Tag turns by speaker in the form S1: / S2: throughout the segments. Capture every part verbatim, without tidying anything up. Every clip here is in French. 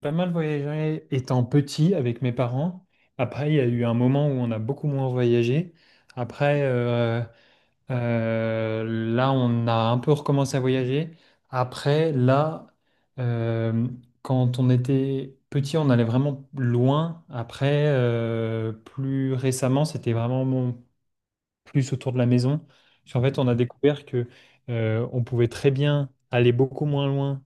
S1: Pas mal voyagé étant petit avec mes parents. Après, il y a eu un moment où on a beaucoup moins voyagé. Après, euh, euh, là, on a un peu recommencé à voyager. Après, là, euh, quand on était petit, on allait vraiment loin. Après, euh, plus récemment, c'était vraiment mon- plus autour de la maison. Parce qu'en fait, on a découvert que, euh, on pouvait très bien aller beaucoup moins loin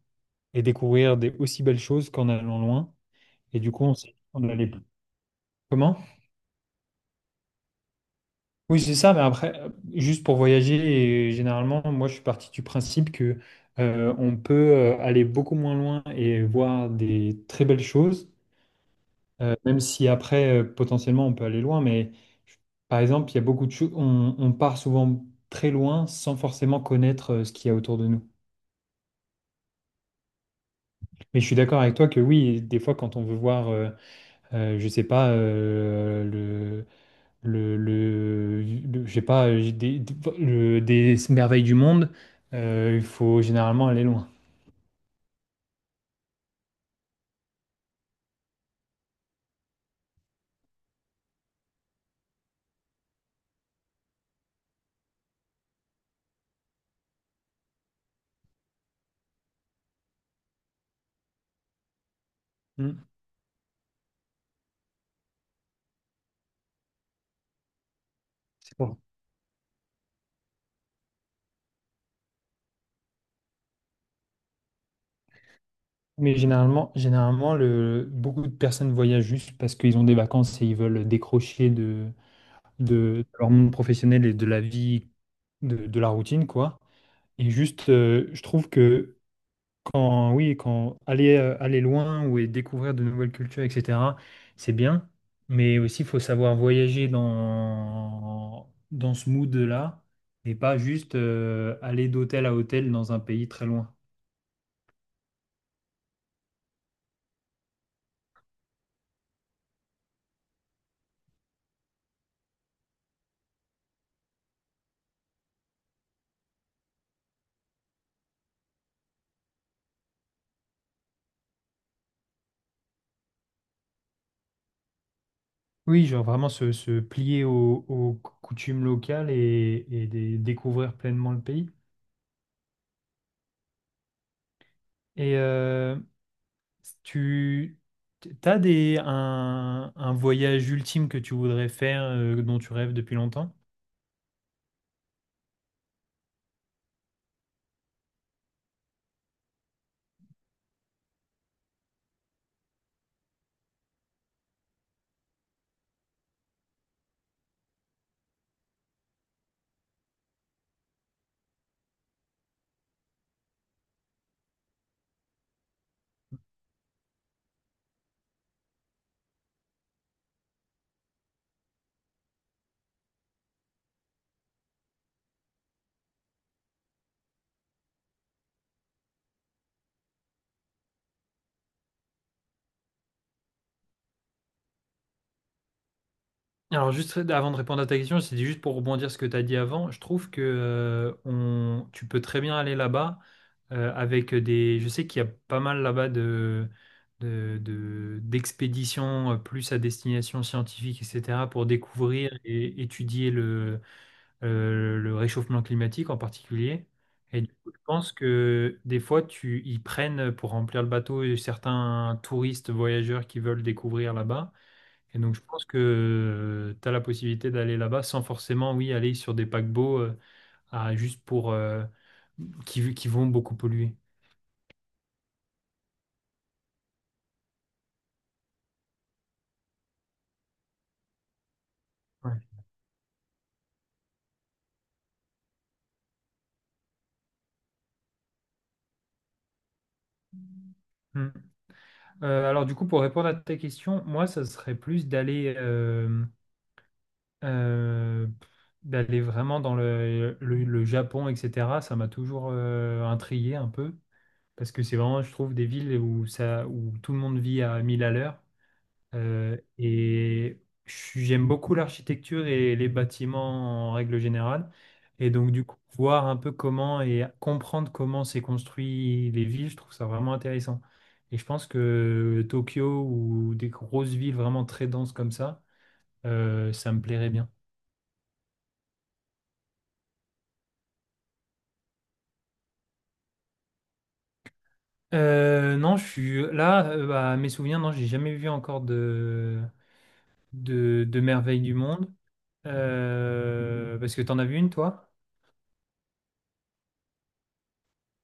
S1: et découvrir des aussi belles choses qu'en allant loin. Et du coup, on s'est- on allait plus. Comment? Oui, c'est ça, mais après, euh, juste pour voyager, et généralement, moi, je suis parti du principe que euh, on peut euh, aller beaucoup moins loin et voir des très belles choses, euh, même si après, euh, potentiellement, on peut aller loin, mais je- par exemple, il y a beaucoup de choses, on, on part souvent très loin sans forcément connaître euh, ce qu'il y a autour de nous. Mais je suis d'accord avec toi que oui, des fois, quand on veut voir, euh, euh, je sais pas, euh, le, le, le- je sais pas, j'ai des, des- le- des merveilles du monde, euh, il faut généralement aller loin. Hmm. C'est pour- Mais généralement, généralement le, beaucoup de personnes voyagent juste parce qu'ils ont des vacances et ils veulent décrocher de, de, de, leur monde professionnel et de la vie, de, de la routine, quoi. Et juste, euh, je trouve que quand, oui, quand aller, euh, aller loin ou et découvrir de nouvelles cultures, et cetera, c'est bien. Mais aussi, il faut savoir voyager dans, dans ce mood-là et pas juste euh, aller d'hôtel à hôtel dans un pays très loin. Oui, genre vraiment se, se plier aux, aux coutumes locales et, et dé- découvrir pleinement le pays. Et euh, tu as des, un, un voyage ultime que tu voudrais faire, euh, dont tu rêves depuis longtemps? Alors juste avant de répondre à ta question, c'est juste pour rebondir sur ce que tu as dit avant. Je trouve que euh, on, tu peux très bien aller là-bas euh, avec des. Je sais qu'il y a pas mal là-bas de, de- de- d'expéditions euh, plus à destination scientifique, et cetera, pour découvrir et étudier le, euh, le réchauffement climatique en particulier. Et du coup, je pense que des fois, tu, ils prennent pour remplir le bateau certains touristes, voyageurs qui veulent découvrir là-bas. Et donc, je pense que tu as la possibilité d'aller là-bas sans forcément, oui, aller sur des paquebots euh, à, juste pour euh, qui, qui vont beaucoup polluer. Ouais. Mm. Euh, alors, du coup, pour répondre à ta question, moi, ça serait plus d'aller euh, euh, d'aller vraiment dans le, le, le Japon, et cetera. Ça m'a toujours euh, intrigué un peu parce que c'est vraiment, je trouve, des villes où ça où tout le monde vit à mille à l'heure. Euh, et je suis- j'aime beaucoup l'architecture et les bâtiments en règle générale. Et donc, du coup, voir un peu comment et comprendre comment s'est construit les villes, je trouve ça vraiment intéressant. Et je pense que Tokyo ou des grosses villes vraiment très denses comme ça, euh, ça me plairait bien. Euh, non, je suis là, euh, bah, mes souvenirs, non, j'ai jamais vu encore de, de, de merveilles du monde. Euh, parce que t'en as vu une, toi?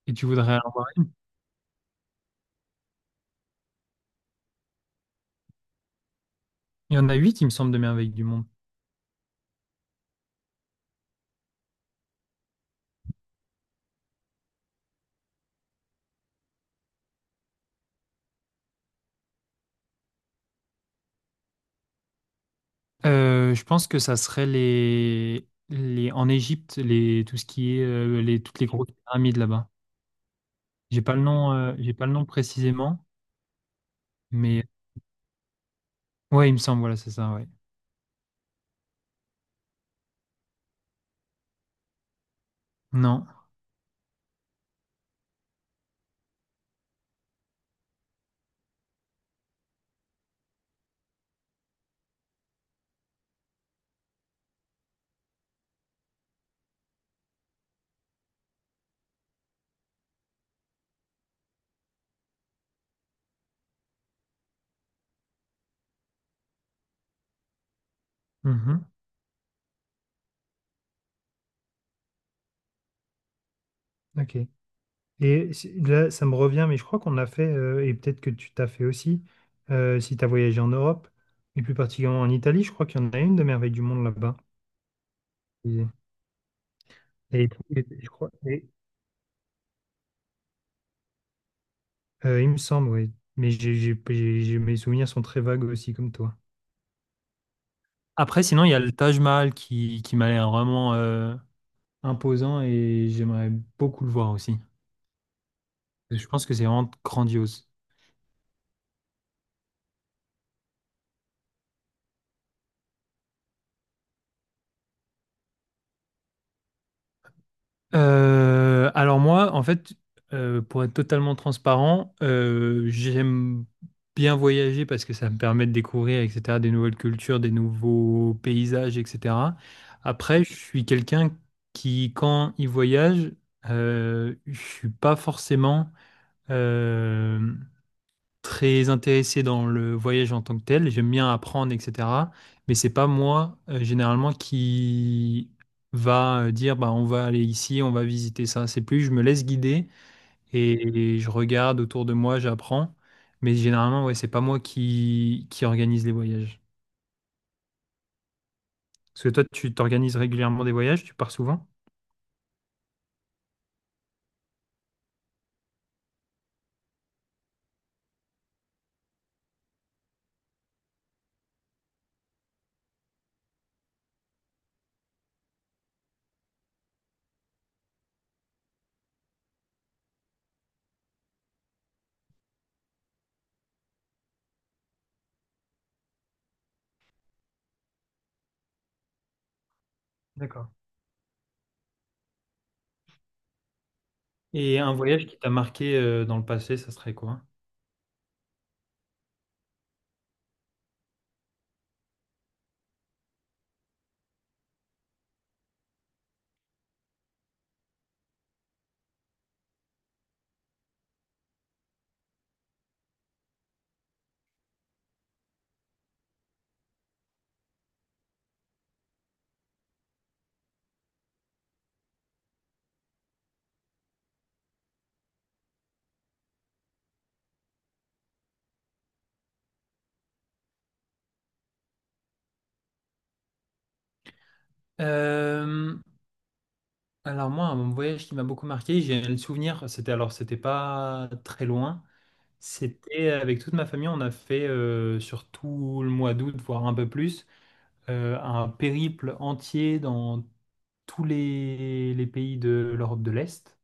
S1: Et tu voudrais en voir? Il y en a huit, il me semble, de merveilles du monde. Euh, je pense que ça serait les, les en Égypte, les tout ce qui est euh, les toutes les grosses pyramides là-bas. J'ai pas le nom, euh, j'ai pas le nom précisément, mais ouais, il me semble, voilà, c'est ça, ouais. Non. Mhm. Ok. Et si- là, ça me revient, mais je crois qu'on a fait, euh, et peut-être que tu t'as fait aussi, euh, si tu as voyagé en Europe, et plus particulièrement en Italie, je crois qu'il y en a une de merveille du monde là-bas. Et, et- et je crois, et- Euh, il me semble, oui. Mais j'ai, j'ai- j'ai- j'ai- mes souvenirs sont très vagues aussi, comme toi. Après, sinon, il y a le Taj Mahal qui, qui m'a l'air vraiment euh, imposant et j'aimerais beaucoup le voir aussi. Je pense que c'est vraiment grandiose. Euh, alors moi, en fait, euh, pour être totalement transparent, euh, j'aime bien voyager parce que ça me permet de découvrir, et cetera, des nouvelles cultures, des nouveaux paysages, et cetera. Après, je suis quelqu'un qui, quand il voyage, euh, je suis pas forcément euh, très intéressé dans le voyage en tant que tel, j'aime bien apprendre, et cetera. Mais c'est pas moi, euh, généralement, qui va euh, dire, bah, on va aller ici, on va visiter ça. C'est plus, je me laisse guider et, et je regarde autour de moi, j'apprends. Mais généralement, ouais, c'est pas moi qui, qui organise les voyages. Parce que toi, tu t'organises régulièrement des voyages, tu pars souvent? D'accord. Et un voyage qui t'a marqué euh, dans le passé, ça serait quoi? Euh, alors moi, un voyage qui m'a beaucoup marqué, j'ai le souvenir, c'était alors c'était pas très loin, c'était avec toute ma famille, on a fait euh, sur tout le mois d'août, voire un peu plus, euh, un périple entier dans tous les, les pays de l'Europe de l'Est.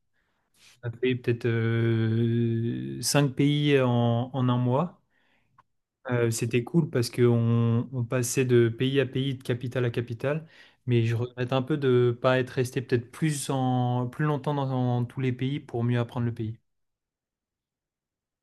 S1: On a fait peut-être euh, cinq pays en, en un mois. Euh, c'était cool parce qu'on on passait de pays à pays, de capitale à capitale, mais je regrette un peu de ne pas être resté peut-être plus, en, plus longtemps dans, dans tous les pays pour mieux apprendre le pays.